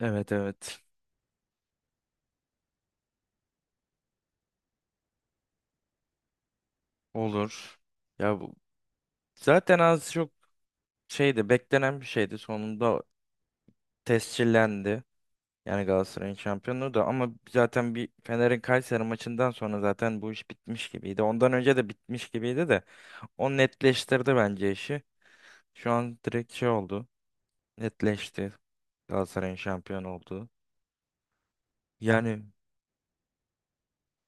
Evet, evet. Olur. Ya bu zaten az çok şeydi, beklenen bir şeydi. Sonunda tescillendi. Yani Galatasaray'ın şampiyonluğu da, ama zaten bir Fener'in Kayseri maçından sonra zaten bu iş bitmiş gibiydi. Ondan önce de bitmiş gibiydi de o netleştirdi bence işi. Şu an direkt şey oldu. Netleşti. Galatasaray'ın şampiyon olduğu. Yani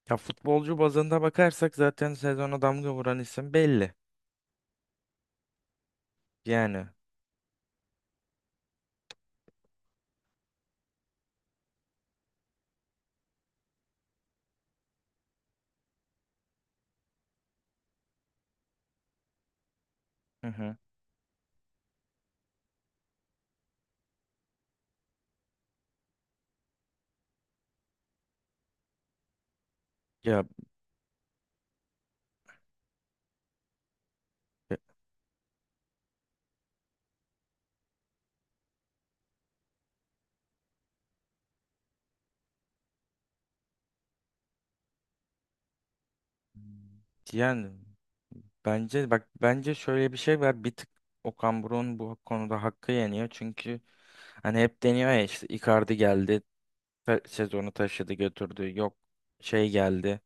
ya futbolcu bazında bakarsak zaten sezona damga vuran isim belli. Yani. Hı hı. Ya e, yani bence bak, bence şöyle bir şey var. Bir tık Okan Buruk'un bu konuda hakkı yeniyor. Çünkü hani hep deniyor ya, işte Icardi geldi, sezonu taşıdı, götürdü. Yok şey geldi.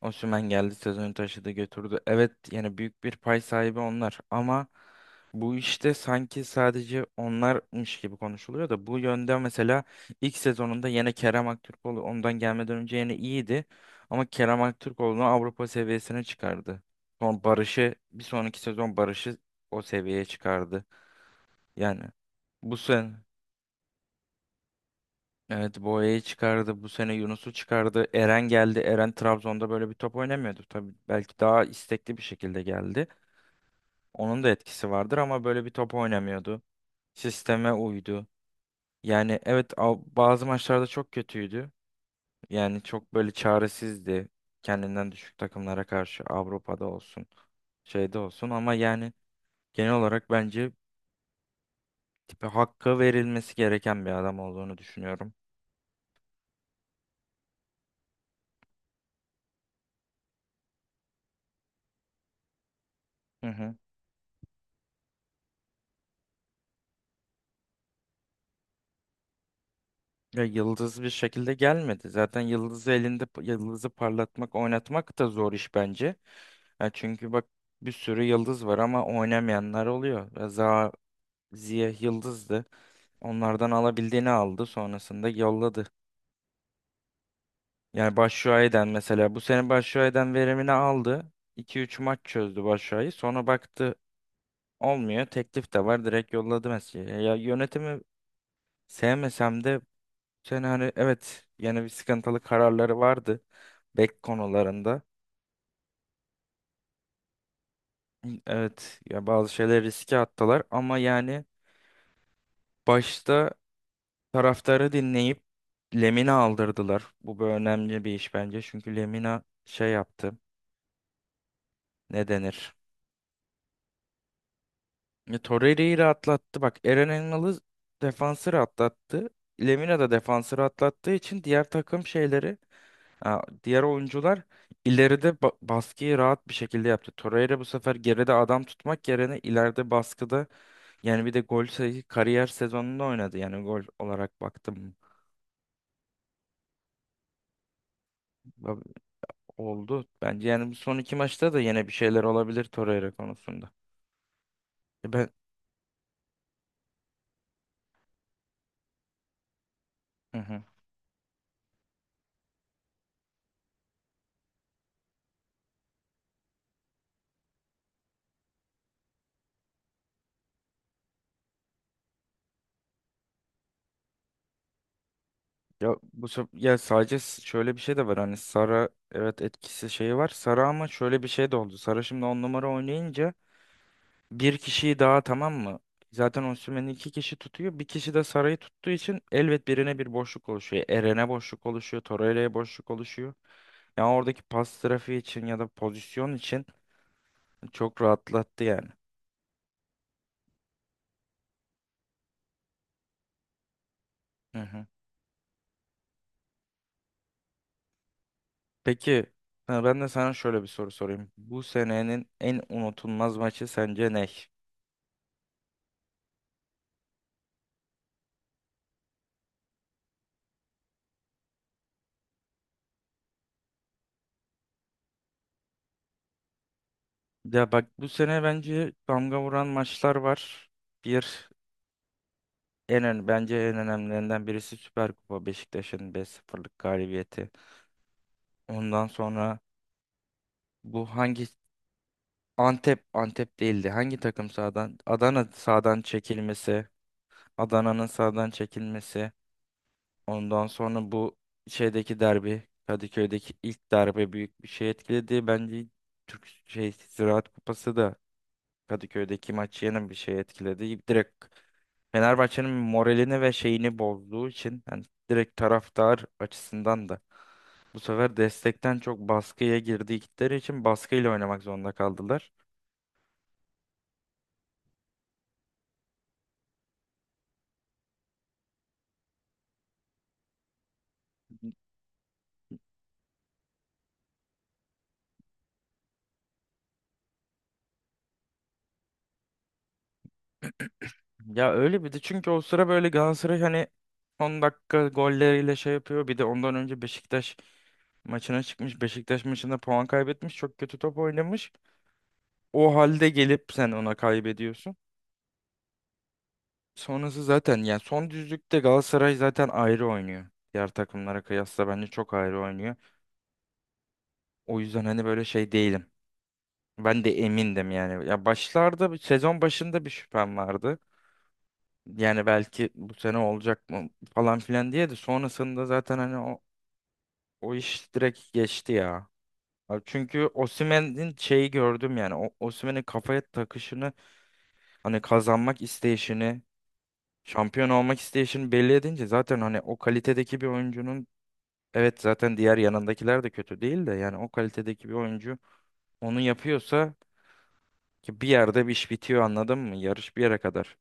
Osimhen geldi, sezonu taşıdı, götürdü. Evet, yani büyük bir pay sahibi onlar, ama bu işte sanki sadece onlarmış gibi konuşuluyor da bu yönde, mesela ilk sezonunda yine Kerem Aktürkoğlu ondan gelmeden önce yine iyiydi ama Kerem Aktürkoğlu'nu Avrupa seviyesine çıkardı. Son Barış'ı, bir sonraki sezon Barış'ı o seviyeye çıkardı. Yani bu sene evet, Boya'yı çıkardı. Bu sene Yunus'u çıkardı. Eren geldi. Eren Trabzon'da böyle bir top oynamıyordu. Tabii belki daha istekli bir şekilde geldi. Onun da etkisi vardır ama böyle bir top oynamıyordu. Sisteme uydu. Yani evet, bazı maçlarda çok kötüydü. Yani çok böyle çaresizdi. Kendinden düşük takımlara karşı Avrupa'da olsun, şeyde olsun, ama yani genel olarak bence tipi, hakkı verilmesi gereken bir adam olduğunu düşünüyorum. Hı hı. Ya yıldız bir şekilde gelmedi. Zaten yıldızı elinde yıldızı parlatmak, oynatmak da zor iş bence. Ya çünkü bak, bir sürü yıldız var ama oynamayanlar oluyor. Ya Za Ziya yıldızdı. Onlardan alabildiğini aldı, sonrasında yolladı. Yani Başşuay'dan, mesela bu sene Başşuay'dan verimini aldı. 2 üç maç çözdü Başşuay'ı. Sonra baktı olmuyor. Teklif de var. Direkt yolladı mesela. Ya yönetimi sevmesem de yani hani evet, yine bir sıkıntılı kararları vardı bek konularında. Evet ya, bazı şeyleri riske attılar ama yani başta taraftarı dinleyip Lemina aldırdılar. Bu bir önemli bir iş bence. Çünkü Lemina şey yaptı. Ne denir? Ya, Torreira'yı rahatlattı. Bak, Eren Engel'i, defansı rahatlattı. Lemina da defansı rahatlattığı için diğer takım şeyleri, ha, diğer oyuncular ileride baskıyı rahat bir şekilde yaptı. Torreira bu sefer geride adam tutmak yerine ileride baskıda, yani bir de gol sayı kariyer sezonunda oynadı. Yani gol olarak baktım ba- oldu. Bence yani bu son iki maçta da yine bir şeyler olabilir Torreira konusunda. E ben, hı hı. Ya ya sadece şöyle bir şey de var, hani Sara, evet, etkisi şeyi var. Sara ama şöyle bir şey de oldu. Sara şimdi on numara oynayınca bir kişiyi daha, tamam mı? Zaten Osimhen'i iki kişi tutuyor. Bir kişi de Saray'ı tuttuğu için elbet birine bir boşluk oluşuyor. Eren'e boşluk oluşuyor. Torreira'ya boşluk oluşuyor. Yani oradaki pas trafiği için ya da pozisyon için çok rahatlattı yani. Hı hı. Peki, ha, ben de sana şöyle bir soru sorayım. Bu senenin en unutulmaz maçı sence ne? Ya bak, bu sene bence damga vuran maçlar var. Bir, bence en önemlilerinden birisi Süper Kupa Beşiktaş'ın beş sıfırlık galibiyeti. Ondan sonra bu hangi, Antep, Antep değildi. Hangi takım sağdan? Adana sağdan çekilmesi. Adana'nın sağdan çekilmesi. Ondan sonra bu şeydeki derbi, Kadıköy'deki ilk derbi büyük bir şey etkiledi. Bence Türk şey Ziraat Kupası da Kadıköy'deki maçı yine bir şey etkiledi. Direkt Fenerbahçe'nin moralini ve şeyini bozduğu için yani direkt taraftar açısından da bu sefer destekten çok baskıya girdikleri için baskıyla oynamak zorunda kaldılar. Ya öyle, bir de çünkü o sıra böyle Galatasaray hani 10 dakika golleriyle şey yapıyor. Bir de ondan önce Beşiktaş maçına çıkmış. Beşiktaş maçında puan kaybetmiş. Çok kötü top oynamış. O halde gelip sen ona kaybediyorsun. Sonrası zaten yani son düzlükte Galatasaray zaten ayrı oynuyor. Diğer takımlara kıyasla bence çok ayrı oynuyor. O yüzden hani böyle şey değilim. Ben de emindim yani. Ya başlarda, sezon başında bir şüphem vardı. Yani belki bu sene olacak mı falan filan diye, de sonrasında zaten hani o iş direkt geçti ya. Abi çünkü Osimhen'in şeyi gördüm yani. Osimhen'in kafaya takışını, hani kazanmak isteyişini, şampiyon olmak isteyişini belli edince zaten hani o kalitedeki bir oyuncunun, evet zaten diğer yanındakiler de kötü değil de, yani o kalitedeki bir oyuncu onu yapıyorsa, ki bir yerde bir iş bitiyor, anladın mı? Yarış bir yere kadar.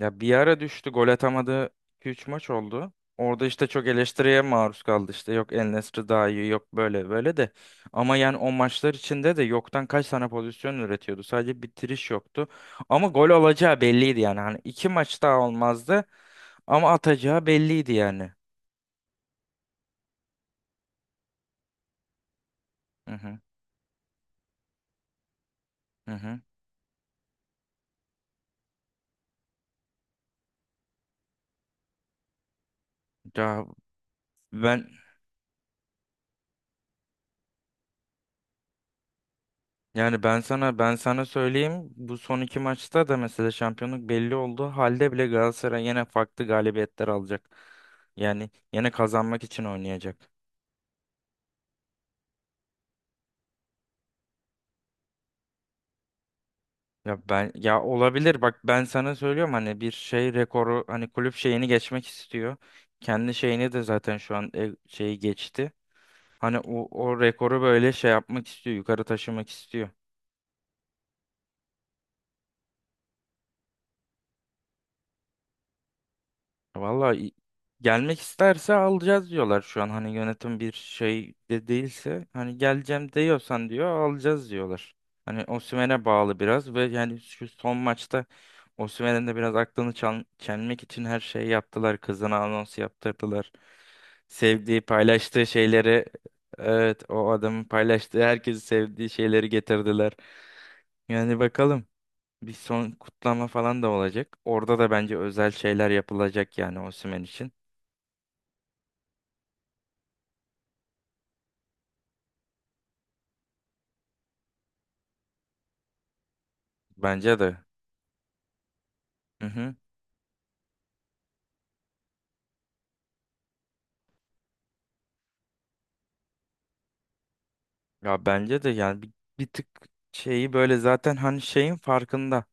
Ya bir ara düştü, gol atamadı, 2-3 maç oldu. Orada işte çok eleştiriye maruz kaldı, işte yok El Nesri daha iyi, yok böyle böyle de. Ama yani o maçlar içinde de yoktan kaç tane pozisyon üretiyordu. Sadece bitiriş yoktu. Ama gol olacağı belliydi yani. Hani iki maç daha olmazdı ama atacağı belliydi yani. Hı hı hı hı. Ya ben, yani ben sana söyleyeyim, bu son iki maçta da mesela şampiyonluk belli oldu halde bile Galatasaray yine farklı galibiyetler alacak. Yani yine kazanmak için oynayacak. Ya ben, ya olabilir, bak ben sana söylüyorum, hani bir şey rekoru, hani kulüp şeyini geçmek istiyor. Kendi şeyini de zaten şu an şeyi geçti. Hani o rekoru böyle şey yapmak istiyor, yukarı taşımak istiyor. Valla gelmek isterse alacağız diyorlar şu an. Hani yönetim bir şey de değilse, hani geleceğim diyorsan diyor, alacağız diyorlar. Hani Osimhen'e bağlı biraz, ve yani şu son maçta Osimhen'in de biraz aklını çelmek için her şeyi yaptılar. Kızına anons yaptırdılar. Sevdiği, paylaştığı şeyleri, evet o adamın paylaştığı herkesi, sevdiği şeyleri getirdiler. Yani bakalım. Bir son kutlama falan da olacak. Orada da bence özel şeyler yapılacak yani Osimhen için. Bence de. Hı hı. Ya bence de yani bir tık şeyi böyle zaten hani şeyin farkında.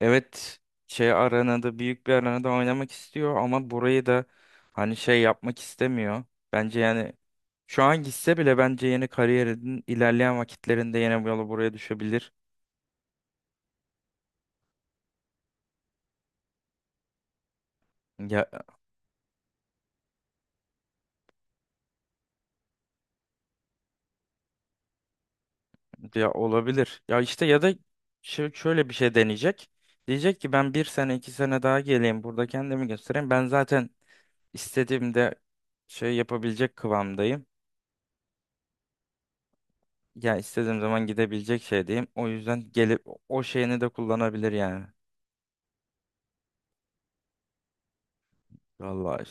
Evet, şey arenada, büyük bir arenada oynamak istiyor ama burayı da hani şey yapmak istemiyor. Bence yani şu an gitse bile bence yeni kariyerinin ilerleyen vakitlerinde yine bu yola, buraya düşebilir. Ya, ya olabilir. Ya işte ya da şöyle bir şey deneyecek. Diyecek ki ben bir sene iki sene daha geleyim burada, kendimi göstereyim. Ben zaten istediğimde şey yapabilecek kıvamdayım. Ya istediğim zaman gidebilecek şeydeyim. O yüzden gelip o şeyini de kullanabilir yani. Vallahi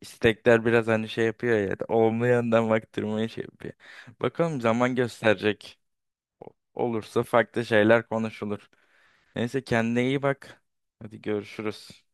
istekler biraz hani şey yapıyor ya. Olumlu yandan baktırmayı şey yapıyor. Bakalım, zaman gösterecek. O- Olursa farklı şeyler konuşulur. Neyse, kendine iyi bak. Hadi görüşürüz.